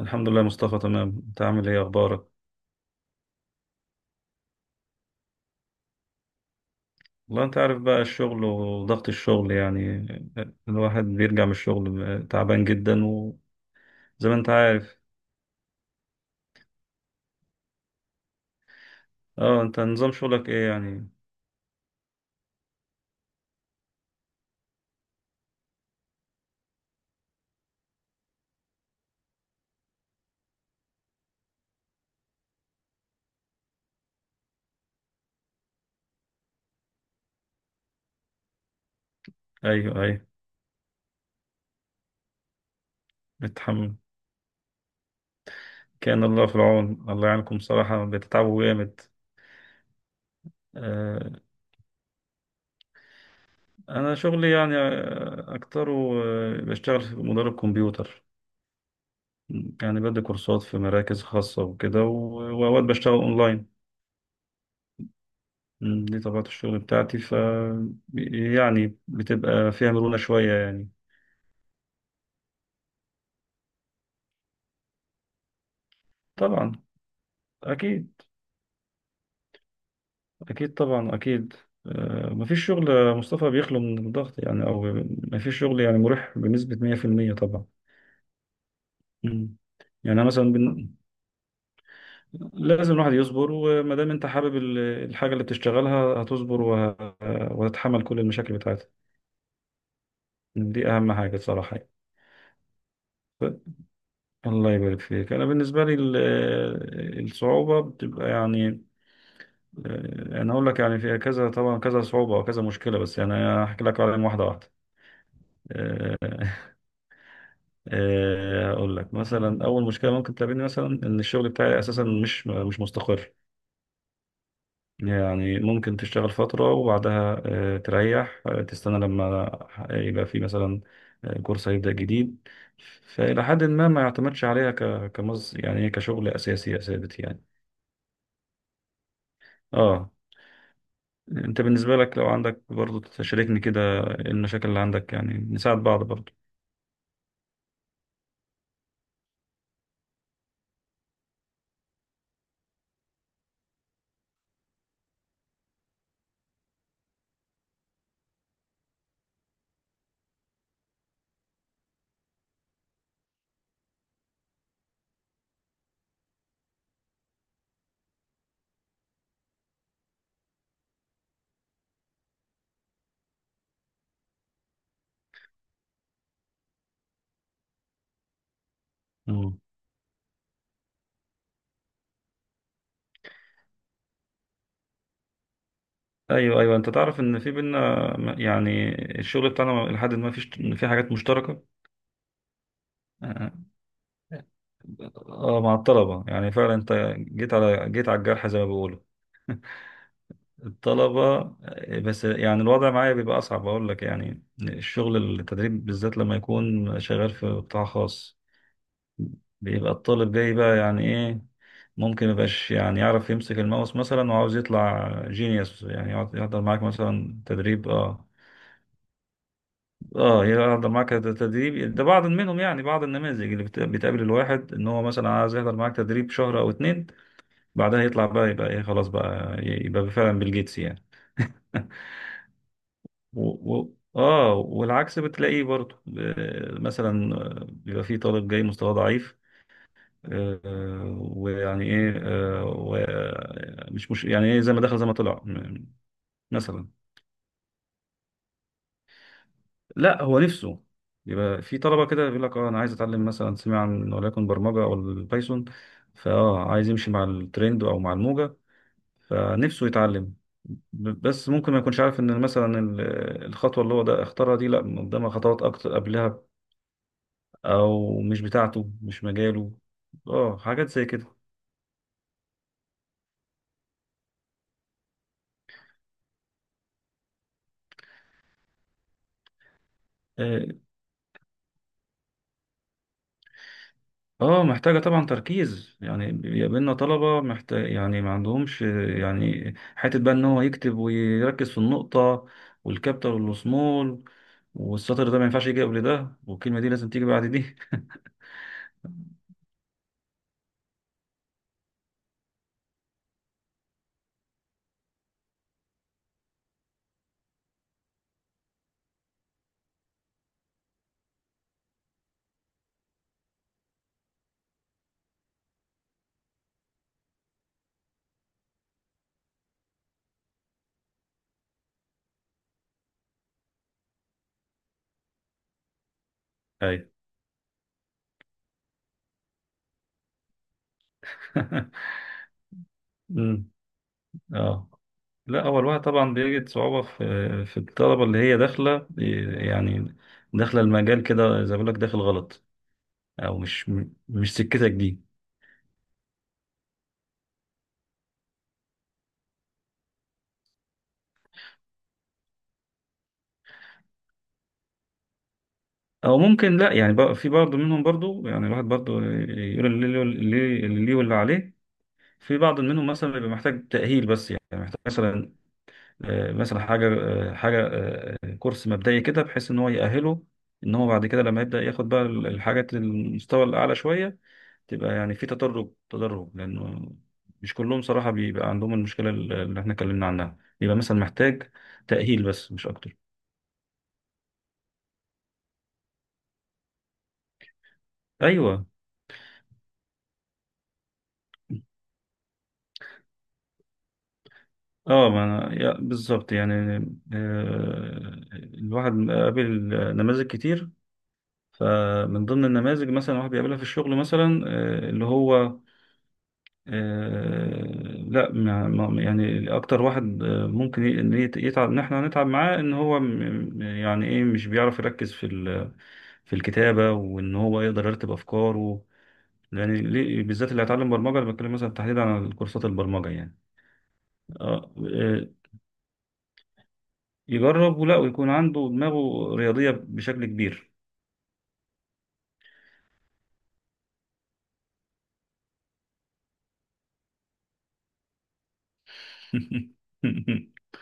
الحمد لله يا مصطفى، تمام. انت عامل ايه؟ اخبارك؟ والله انت عارف بقى الشغل وضغط الشغل يعني. الواحد بيرجع من الشغل تعبان جدا، وزي ما انت عارف. اه، انت نظام شغلك ايه يعني؟ ايوه، ايوه. بتحمل. كان الله في العون، الله يعينكم صراحة، بتتعبوا جامد. آه. انا شغلي يعني اكتره. بشتغل في مدرب كمبيوتر. يعني بدي كورسات في مراكز خاصة وكده، واوقات بشتغل اونلاين. دي طبيعة الشغل بتاعتي ف، يعني بتبقى فيها مرونة شوية يعني. طبعا. أكيد. أكيد طبعا أكيد. مفيش شغل يا مصطفى بيخلو من الضغط يعني، أو مفيش شغل يعني مريح بنسبة 100% طبعا. مم. يعني أنا مثلا لازم الواحد يصبر، وما دام أنت حابب الحاجة اللي بتشتغلها هتصبر، وتتحمل كل المشاكل بتاعتها. دي أهم حاجة صراحة. الله يبارك فيك. أنا بالنسبة لي الصعوبة بتبقى يعني. انا اقول لك يعني في كذا طبعا، كذا صعوبه وكذا مشكله، بس يعني أنا هحكي لك عليهم واحده واحده. آه، اقول لك مثلا اول مشكله ممكن تقابلني، مثلا ان الشغل بتاعي اساسا مش مستقر. يعني ممكن تشتغل فتره، وبعدها تريح، تستنى لما يبقى في مثلا كورس هيبدا جديد. فالى حد ما ما يعتمدش عليها كمز يعني إيه، كشغل اساسي ثابت يعني. اه، انت بالنسبه لك لو عندك برضو تشاركني كده إيه المشاكل اللي عندك؟ يعني نساعد بعض برضو. مم. ايوه، ايوه، انت تعرف ان في بينا، يعني الشغل بتاعنا لحد ما فيش، في حاجات مشتركه. آه. مع الطلبه يعني فعلا انت جيت على الجرح زي ما بيقولوا. الطلبه. بس يعني الوضع معايا بيبقى اصعب. اقول لك يعني الشغل، التدريب بالذات، لما يكون شغال في قطاع خاص بيبقى الطالب جاي بقى يعني ايه. ممكن ميبقاش يعني يعرف يمسك الماوس مثلا، وعاوز يطلع جينيوس، يعني يحضر معاك مثلا تدريب. اه، اه، هي احضر معاك تدريب ده بعض منهم، يعني بعض النماذج اللي بتقابل الواحد ان هو مثلا عايز يحضر معاك تدريب شهر او اتنين، بعدها يطلع بقى يبقى ايه خلاص بقى يبقى فعلا بيل جيتس يعني. و... اه، والعكس بتلاقيه برضه، مثلا بيبقى فيه طالب جاي مستواه ضعيف. ويعني ايه، مش يعني ايه، زي ما دخل زي ما طلع، مثلا. لا، هو نفسه يبقى في طلبة كده بيقول لك اه انا عايز اتعلم مثلا، سمع عن وليكن برمجة او البايثون. فاه عايز يمشي مع الترند او مع الموجة، فنفسه يتعلم. بس ممكن ما يكونش عارف ان مثلا الخطوة اللي هو ده اختارها دي لا قدامها خطوات اكتر قبلها، او مش بتاعته، مش مجاله. اه، حاجات زي كده. آه، اه، محتاجة طبعا تركيز. يعني بيقابلنا طلبة محتاج يعني ما عندهمش، يعني حتة بقى ان هو يكتب ويركز في النقطة والكابيتال والسمول، والسطر ده ما ينفعش يجي قبل ده، والكلمة دي لازم تيجي بعد دي. ايوه. أمم، اه. لا، هو الواحد طبعا بيجد صعوبة في، الطلبة اللي هي داخلة، يعني داخلة المجال كده زي ما بقول لك داخل غلط، او مش، مش سكتك دي، او ممكن لا يعني في برضه منهم برضه يعني. الواحد برضه يقول اللي ليه، اللي ليه واللي عليه. في بعض منهم مثلا بيبقى محتاج تأهيل بس، يعني محتاج مثلا، مثلا حاجة، حاجة، كورس مبدئي كده بحيث ان هو يأهله، ان هو بعد كده لما يبدأ ياخد بقى الحاجات المستوى الأعلى شوية. تبقى يعني في تدرج، تدرج، لأنه مش كلهم صراحة بيبقى عندهم المشكلة اللي احنا اتكلمنا عنها، بيبقى مثلا محتاج تأهيل بس مش أكتر. أيوه. اه، ما انا بالظبط يعني. الواحد قابل نماذج كتير. فمن ضمن النماذج مثلا واحد بيقابلها في الشغل مثلا، اللي هو، لا، يعني اكتر واحد ممكن إن يتعب، ان احنا هنتعب معاه، ان هو يعني ايه، مش بيعرف يركز في في الكتابة، وان هو يقدر يرتب افكاره. يعني بالذات اللي هيتعلم برمجة، انا بتكلم مثلا تحديدا عن كورسات البرمجة يعني. اه. يجرب ولا ويكون عنده دماغه رياضية بشكل كبير.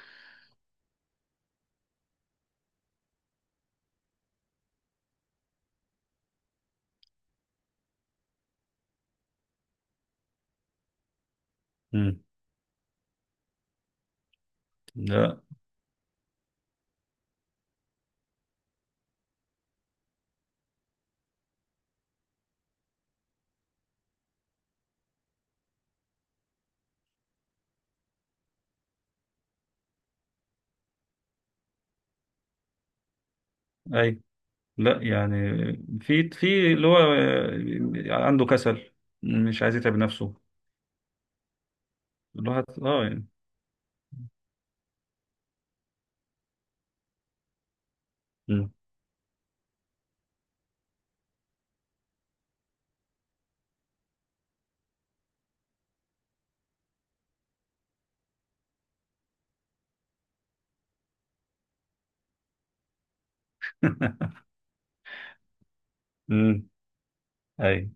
مم. لا. أي، لا يعني في، اللي هو عنده كسل، مش عايز يتعب نفسه. الواحد اه يعني. مم. مم. أي.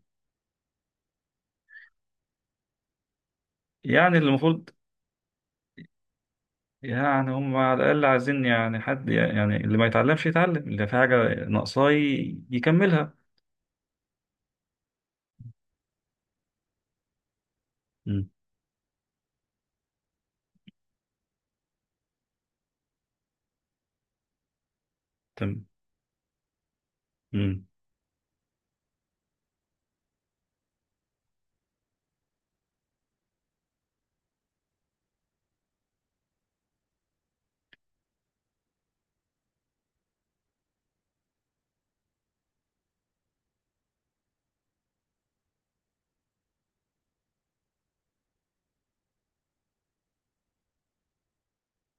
يعني اللي المفروض، يعني هم على الأقل عايزين يعني حد، يعني اللي ما يتعلمش يتعلم، اللي في حاجة ناقصاه يكملها. مم. تمام. مم.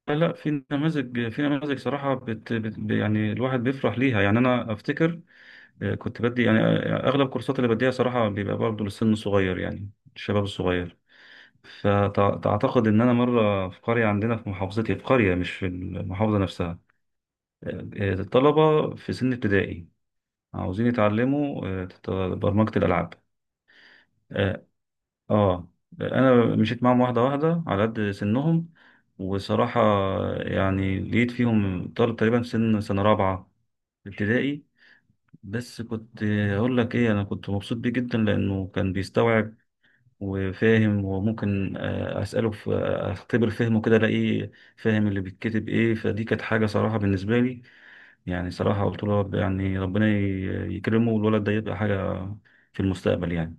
لا، لا، في نماذج، في نماذج صراحة، بت يعني الواحد بيفرح ليها يعني. أنا أفتكر كنت بدي يعني أغلب الكورسات اللي بديها صراحة بيبقى برضه للسن الصغير يعني، الشباب الصغير. فتعتقد إن أنا مرة في قرية عندنا في محافظتي، في قرية مش في المحافظة نفسها، الطلبة في سن ابتدائي عاوزين يتعلموا برمجة الألعاب. آه، اه، انا مشيت معاهم واحده واحده على قد سنهم. وصراحه يعني لقيت فيهم طالب تقريبا في سن سنه رابعه ابتدائي. بس كنت اقول لك ايه، انا كنت مبسوط بيه جدا، لانه كان بيستوعب وفاهم، وممكن اساله في، اختبر فهمه كده الاقيه فاهم اللي بيتكتب ايه. فدي كانت حاجه صراحه بالنسبه لي. يعني صراحه قلت له يعني ربنا يكرمه، والولد ده يبقى حاجه في المستقبل يعني.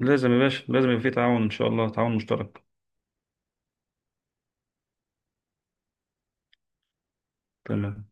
لازم يا باشا، لازم يبقى في تعاون ان شاء الله، تعاون مشترك. تمام.